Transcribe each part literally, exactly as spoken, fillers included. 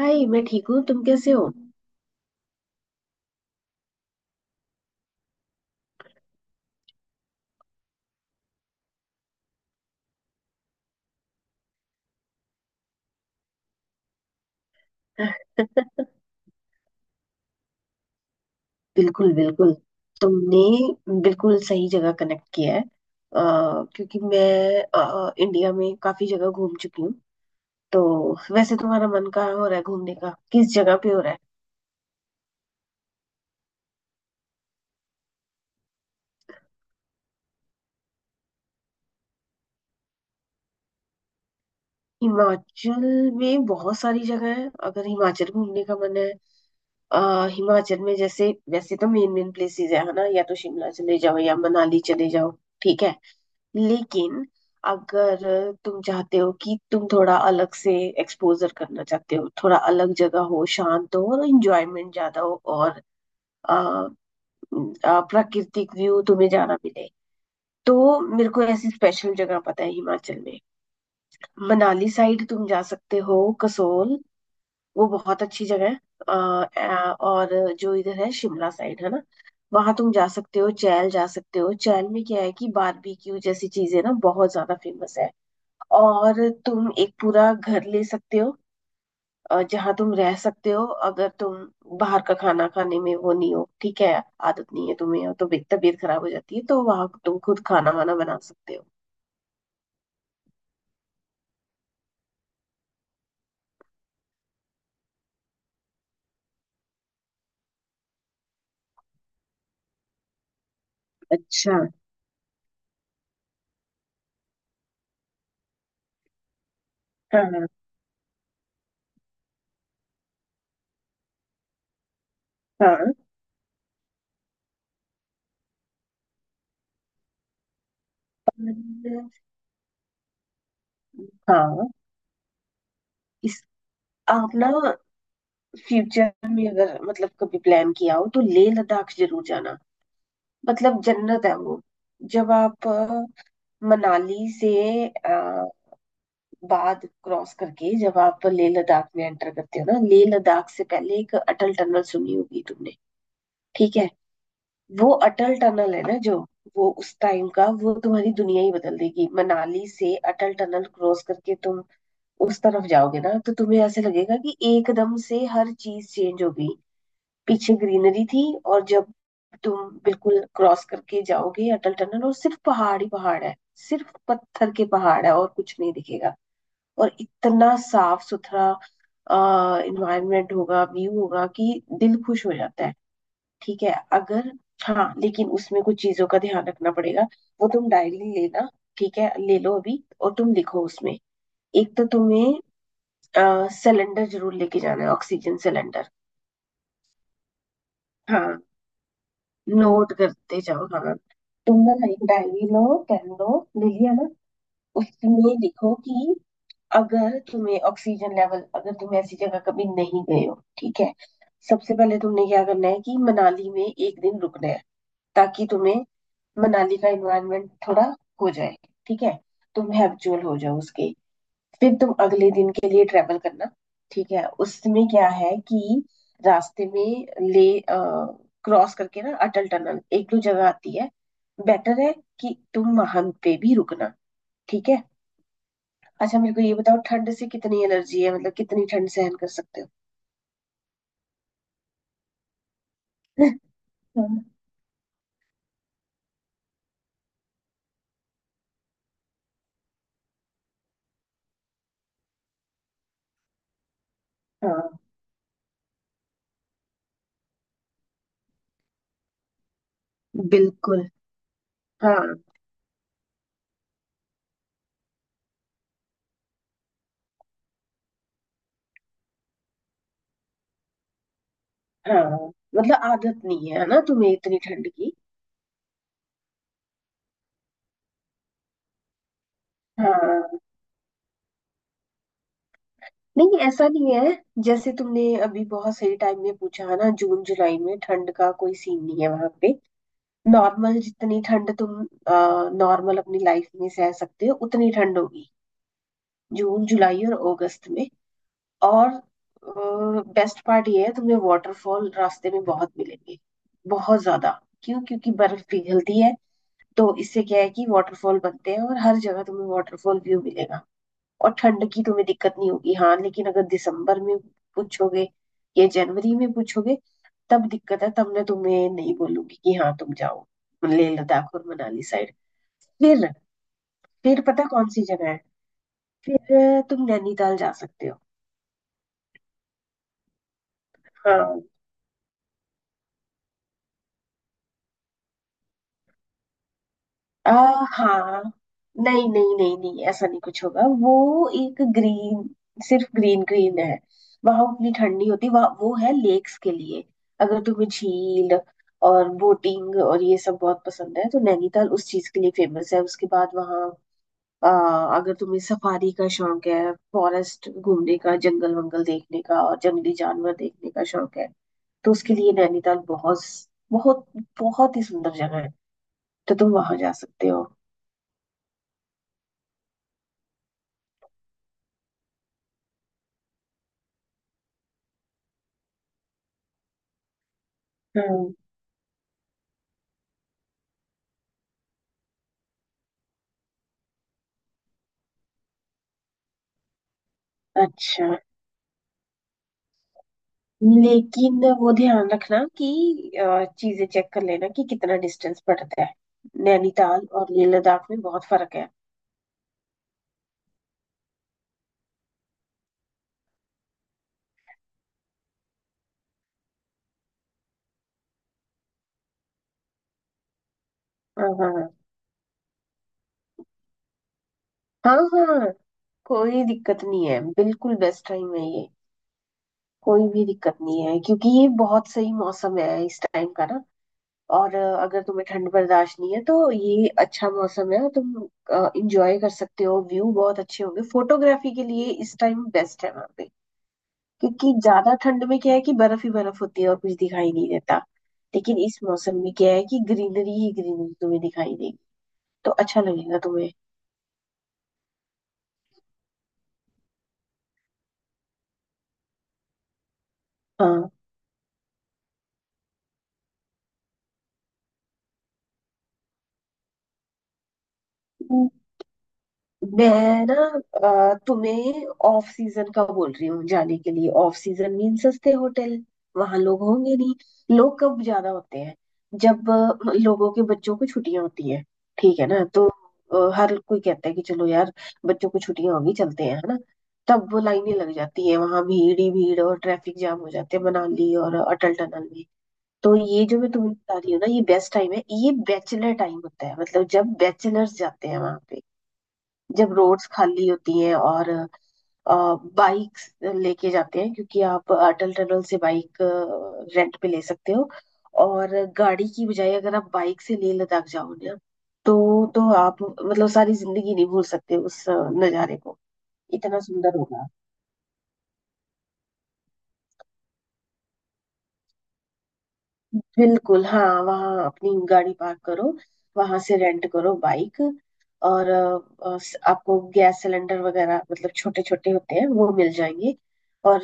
हाय। मैं ठीक हूँ, तुम कैसे हो? बिल्कुल बिल्कुल, तुमने बिल्कुल सही जगह कनेक्ट किया है, अ, क्योंकि मैं अ, इंडिया में काफी जगह घूम चुकी हूँ। तो वैसे तुम्हारा मन कहाँ हो रहा है घूमने का, किस जगह पे हो रहा है? हिमाचल में बहुत सारी जगह है अगर हिमाचल घूमने का मन है। आ, हिमाचल में जैसे, वैसे तो मेन मेन प्लेसेस है है ना, या तो शिमला चले जाओ या मनाली चले जाओ। ठीक है, लेकिन अगर तुम चाहते हो कि तुम थोड़ा अलग से एक्सपोजर करना चाहते हो, थोड़ा अलग जगह हो, शांत हो और इंजॉयमेंट ज्यादा हो, और आ, आ, प्राकृतिक व्यू तुम्हें ज्यादा मिले, तो मेरे को ऐसी स्पेशल जगह पता है हिमाचल में। मनाली साइड तुम जा सकते हो, कसोल, वो बहुत अच्छी जगह है। अ, अ, और जो इधर है शिमला साइड है ना, वहां तुम जा सकते हो, चैल जा सकते हो। चैल में क्या है कि बारबेक्यू जैसी चीजें ना बहुत ज्यादा फेमस है, और तुम एक पूरा घर ले सकते हो अ, जहाँ तुम रह सकते हो, अगर तुम बाहर का खाना खाने में वो नहीं हो, ठीक है, आदत नहीं है तुम्हें और तुम्हें तबीयत खराब हो जाती है, तो वहां तुम खुद खाना वाना बना सकते हो। अच्छा। हाँ, हाँ, हाँ और, हाँ, इस आप ना फ्यूचर में अगर मतलब कभी प्लान किया हो तो लेह लद्दाख जरूर जाना, मतलब जन्नत है वो। जब आप अ, मनाली से अ, बाद क्रॉस करके जब आप लेह लद्दाख में एंटर करते हो ना, लेह लद्दाख से पहले एक अटल टनल सुनी होगी तुमने। ठीक है। वो अटल टनल है ना, जो वो उस टाइम का वो तुम्हारी दुनिया ही बदल देगी। मनाली से अटल टनल क्रॉस करके तुम उस तरफ जाओगे ना, तो तुम्हें ऐसे लगेगा कि एकदम से हर चीज चेंज हो गई। पीछे ग्रीनरी थी, और जब तुम बिल्कुल क्रॉस करके जाओगे अटल टनल, और सिर्फ पहाड़ ही पहाड़ है, सिर्फ पत्थर के पहाड़ है और कुछ नहीं दिखेगा। और इतना साफ सुथरा आ, इन्वायरमेंट होगा, व्यू होगा कि दिल खुश हो जाता है। ठीक है अगर। हाँ, लेकिन उसमें कुछ चीजों का ध्यान रखना पड़ेगा। वो तुम डायरी लेना, ठीक है, ले लो अभी और तुम लिखो उसमें। एक तो तुम्हें सिलेंडर जरूर लेके जाना है, ऑक्सीजन सिलेंडर। हाँ, नोट करते जाओ, हाँ। तुम ना एक डायरी लो, पेन लो, ले लिया ना? उसमें लिखो कि अगर तुम्हें ऑक्सीजन लेवल, अगर तुम ऐसी जगह कभी नहीं गए हो, ठीक है, सबसे पहले तुमने क्या करना है कि मनाली में एक दिन रुकना है, ताकि तुम्हें मनाली का एनवायरनमेंट थोड़ा हो जाए, ठीक है, तुम हैबिचुअल हो जाओ उसके। फिर तुम अगले दिन के लिए ट्रेवल करना। ठीक है, उसमें क्या है कि रास्ते में ले क्रॉस करके ना अटल टनल एक दो जगह आती है, बेटर है कि तुम वहां पे भी रुकना। ठीक है। अच्छा, मेरे को ये बताओ, ठंड से कितनी एलर्जी है, मतलब कितनी ठंड सहन कर सकते हो? हाँ। हाँ, बिल्कुल। हाँ, हाँ, मतलब आदत नहीं है ना तुम्हें इतनी ठंड की। हाँ, नहीं, ऐसा नहीं है। जैसे तुमने अभी बहुत सही टाइम में पूछा है ना, जून जुलाई में ठंड का कोई सीन नहीं है वहां पे। नॉर्मल जितनी ठंड तुम नॉर्मल अपनी लाइफ में सह सकते हो उतनी ठंड होगी जून जुलाई और अगस्त में। और बेस्ट पार्ट ये है, तुम्हें वाटरफॉल रास्ते में बहुत मिलेंगे, बहुत ज्यादा। क्यों? क्योंकि बर्फ पिघलती है, तो इससे क्या है कि वाटरफॉल बनते हैं, और हर जगह तुम्हें वाटरफॉल व्यू मिलेगा, और ठंड की तुम्हें दिक्कत नहीं होगी। हाँ, लेकिन अगर दिसंबर में पूछोगे या जनवरी में पूछोगे तब दिक्कत है, तब मैं तुम्हें नहीं बोलूंगी कि हाँ तुम जाओ लेह लद्दाख और मनाली साइड। फिर। फिर पता कौन सी जगह है? फिर अ, तुम नैनीताल जा सकते हो। हाँ। आ, हाँ, नहीं नहीं नहीं नहीं, ऐसा नहीं कुछ होगा वो। एक ग्रीन, सिर्फ ग्रीन ग्रीन है वहां, उतनी ठंड नहीं होती वहाँ। वो है लेक्स के लिए, अगर तुम्हें झील और बोटिंग और ये सब बहुत पसंद है तो नैनीताल उस चीज के लिए फेमस है। उसके बाद वहाँ आ, अगर तुम्हें सफारी का शौक है, फॉरेस्ट घूमने का, जंगल वंगल देखने का और जंगली जानवर देखने का शौक है, तो उसके लिए नैनीताल बहुत, बहुत, बहुत ही सुंदर जगह है, तो तुम वहां जा सकते हो। अच्छा, लेकिन वो ध्यान रखना कि अ, चीजें चेक कर लेना कि कितना डिस्टेंस पड़ता है, नैनीताल और लेह लद्दाख में बहुत फर्क है। हाँ, हाँ, हाँ, हाँ, हाँ, कोई दिक्कत नहीं है, बिल्कुल बेस्ट टाइम है ये। कोई भी दिक्कत नहीं है, क्योंकि ये बहुत सही मौसम है इस टाइम का ना। और अ, अगर तुम्हें ठंड बर्दाश्त नहीं है तो ये अच्छा मौसम है, तुम इंजॉय कर सकते हो, व्यू बहुत अच्छे होंगे, फोटोग्राफी के लिए इस टाइम बेस्ट है वहाँ पे। क्योंकि ज्यादा ठंड में क्या है कि बर्फ ही बर्फ होती है और कुछ दिखाई नहीं देता, लेकिन इस मौसम में क्या है कि ग्रीनरी ही ग्रीनरी तुम्हें दिखाई देगी, तो अच्छा लगेगा तुम्हें। हाँ, मैं ना अ, तुम्हें ऑफ सीजन का बोल रही हूँ जाने के लिए। ऑफ सीजन मीन सस्ते होटल, वहां लोग होंगे नहीं। लोग कब ज्यादा होते हैं? जब अ, लोगों के बच्चों को छुट्टियां होती है। ठीक है ना? तो अ, हर कोई कहता है कि चलो यार, बच्चों को छुट्टियां होगी, चलते हैं, है ना। तब वो लाइनें लग जाती है, वहां भीड़ ही भीड़ और ट्रैफिक जाम हो जाते हैं मनाली और अटल टनल में। तो ये जो मैं तुम्हें बता रही हूँ ना, ये बेस्ट टाइम है, ये बैचलर टाइम होता है, मतलब जब बैचलर्स जाते हैं वहां पे, जब रोड्स खाली होती है और बाइक्स लेके जाते हैं। क्योंकि आप अटल टनल से बाइक रेंट पे ले सकते हो, और गाड़ी की बजाय अगर आप बाइक से लेह लद्दाख जाओ ना, तो तो आप मतलब सारी जिंदगी नहीं भूल सकते उस अ, नज़ारे को, इतना सुंदर होगा। बिल्कुल, हाँ, वहाँ अपनी गाड़ी पार्क करो, वहां से रेंट करो बाइक। और अ, अ, स- आपको गैस सिलेंडर वगैरह, मतलब छोटे छोटे होते हैं वो, मिल जाएंगे। और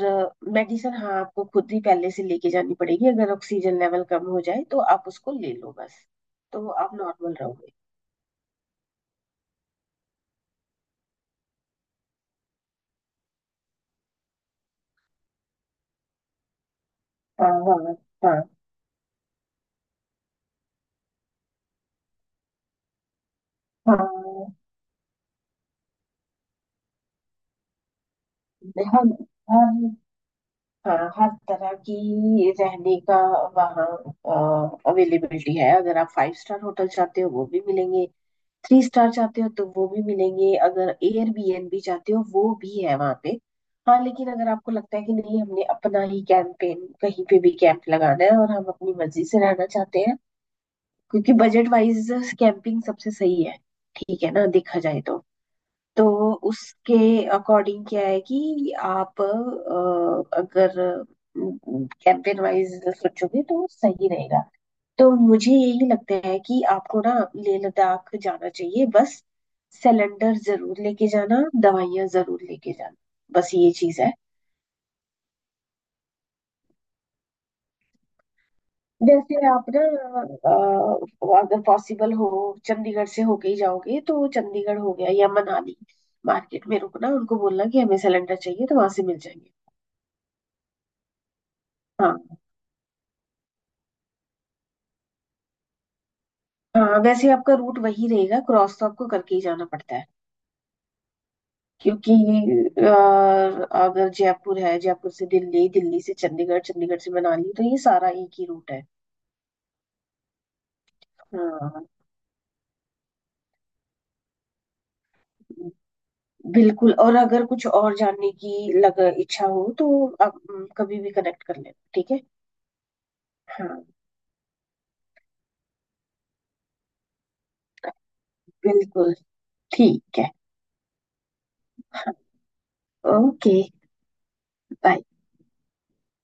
मेडिसिन, हाँ, आपको खुद ही पहले से लेके जानी पड़ेगी, अगर ऑक्सीजन लेवल कम हो जाए तो आप उसको ले लो बस, तो आप नॉर्मल रहोगे। हाँ, हाँ, हाँ, हाँ, हर हर हाँ, हर तरह की रहने का वहाँ अवेलेबिलिटी है। अगर आप फाइव स्टार होटल चाहते हो वो भी मिलेंगे, थ्री स्टार चाहते हो तो वो भी मिलेंगे, अगर एयरबीएनबी चाहते हो वो भी है वहां पे। हाँ, लेकिन अगर आपको लगता है कि नहीं, हमने अपना ही कैंपेन कहीं पे भी कैंप लगाना है और हम अपनी मर्जी से रहना चाहते हैं, क्योंकि बजट वाइज कैंपिंग सबसे सही है, ठीक है ना, देखा जाए तो। तो उसके अकॉर्डिंग क्या है कि आप अ, अगर कैंपेन वाइज सोचोगे तो सही रहेगा। तो मुझे यही लगता है कि आपको ना लेह लद्दाख जाना चाहिए, बस। सिलेंडर जरूर लेके जाना, दवाइयां जरूर लेके जाना, बस ये चीज है। जैसे आप ना अ, अगर पॉसिबल हो, चंडीगढ़ से होके ही जाओगे, तो चंडीगढ़ हो गया या मनाली मार्केट में रुकना, उनको बोलना कि हमें सिलेंडर चाहिए, तो वहां से मिल जाएंगे। हाँ, हाँ, वैसे आपका रूट वही रहेगा, क्रॉस तो आपको करके ही जाना पड़ता है, क्योंकि अ, अगर जयपुर है, जयपुर से दिल्ली, दिल्ली से चंडीगढ़, चंडीगढ़ से मनाली, तो ये सारा एक ही रूट है। हाँ, बिल्कुल, और अगर कुछ और जानने की लग इच्छा हो तो आप अम, कभी भी कनेक्ट कर लेना, ठीक है। हाँ, बिल्कुल। ठीक है। ओके। बाय।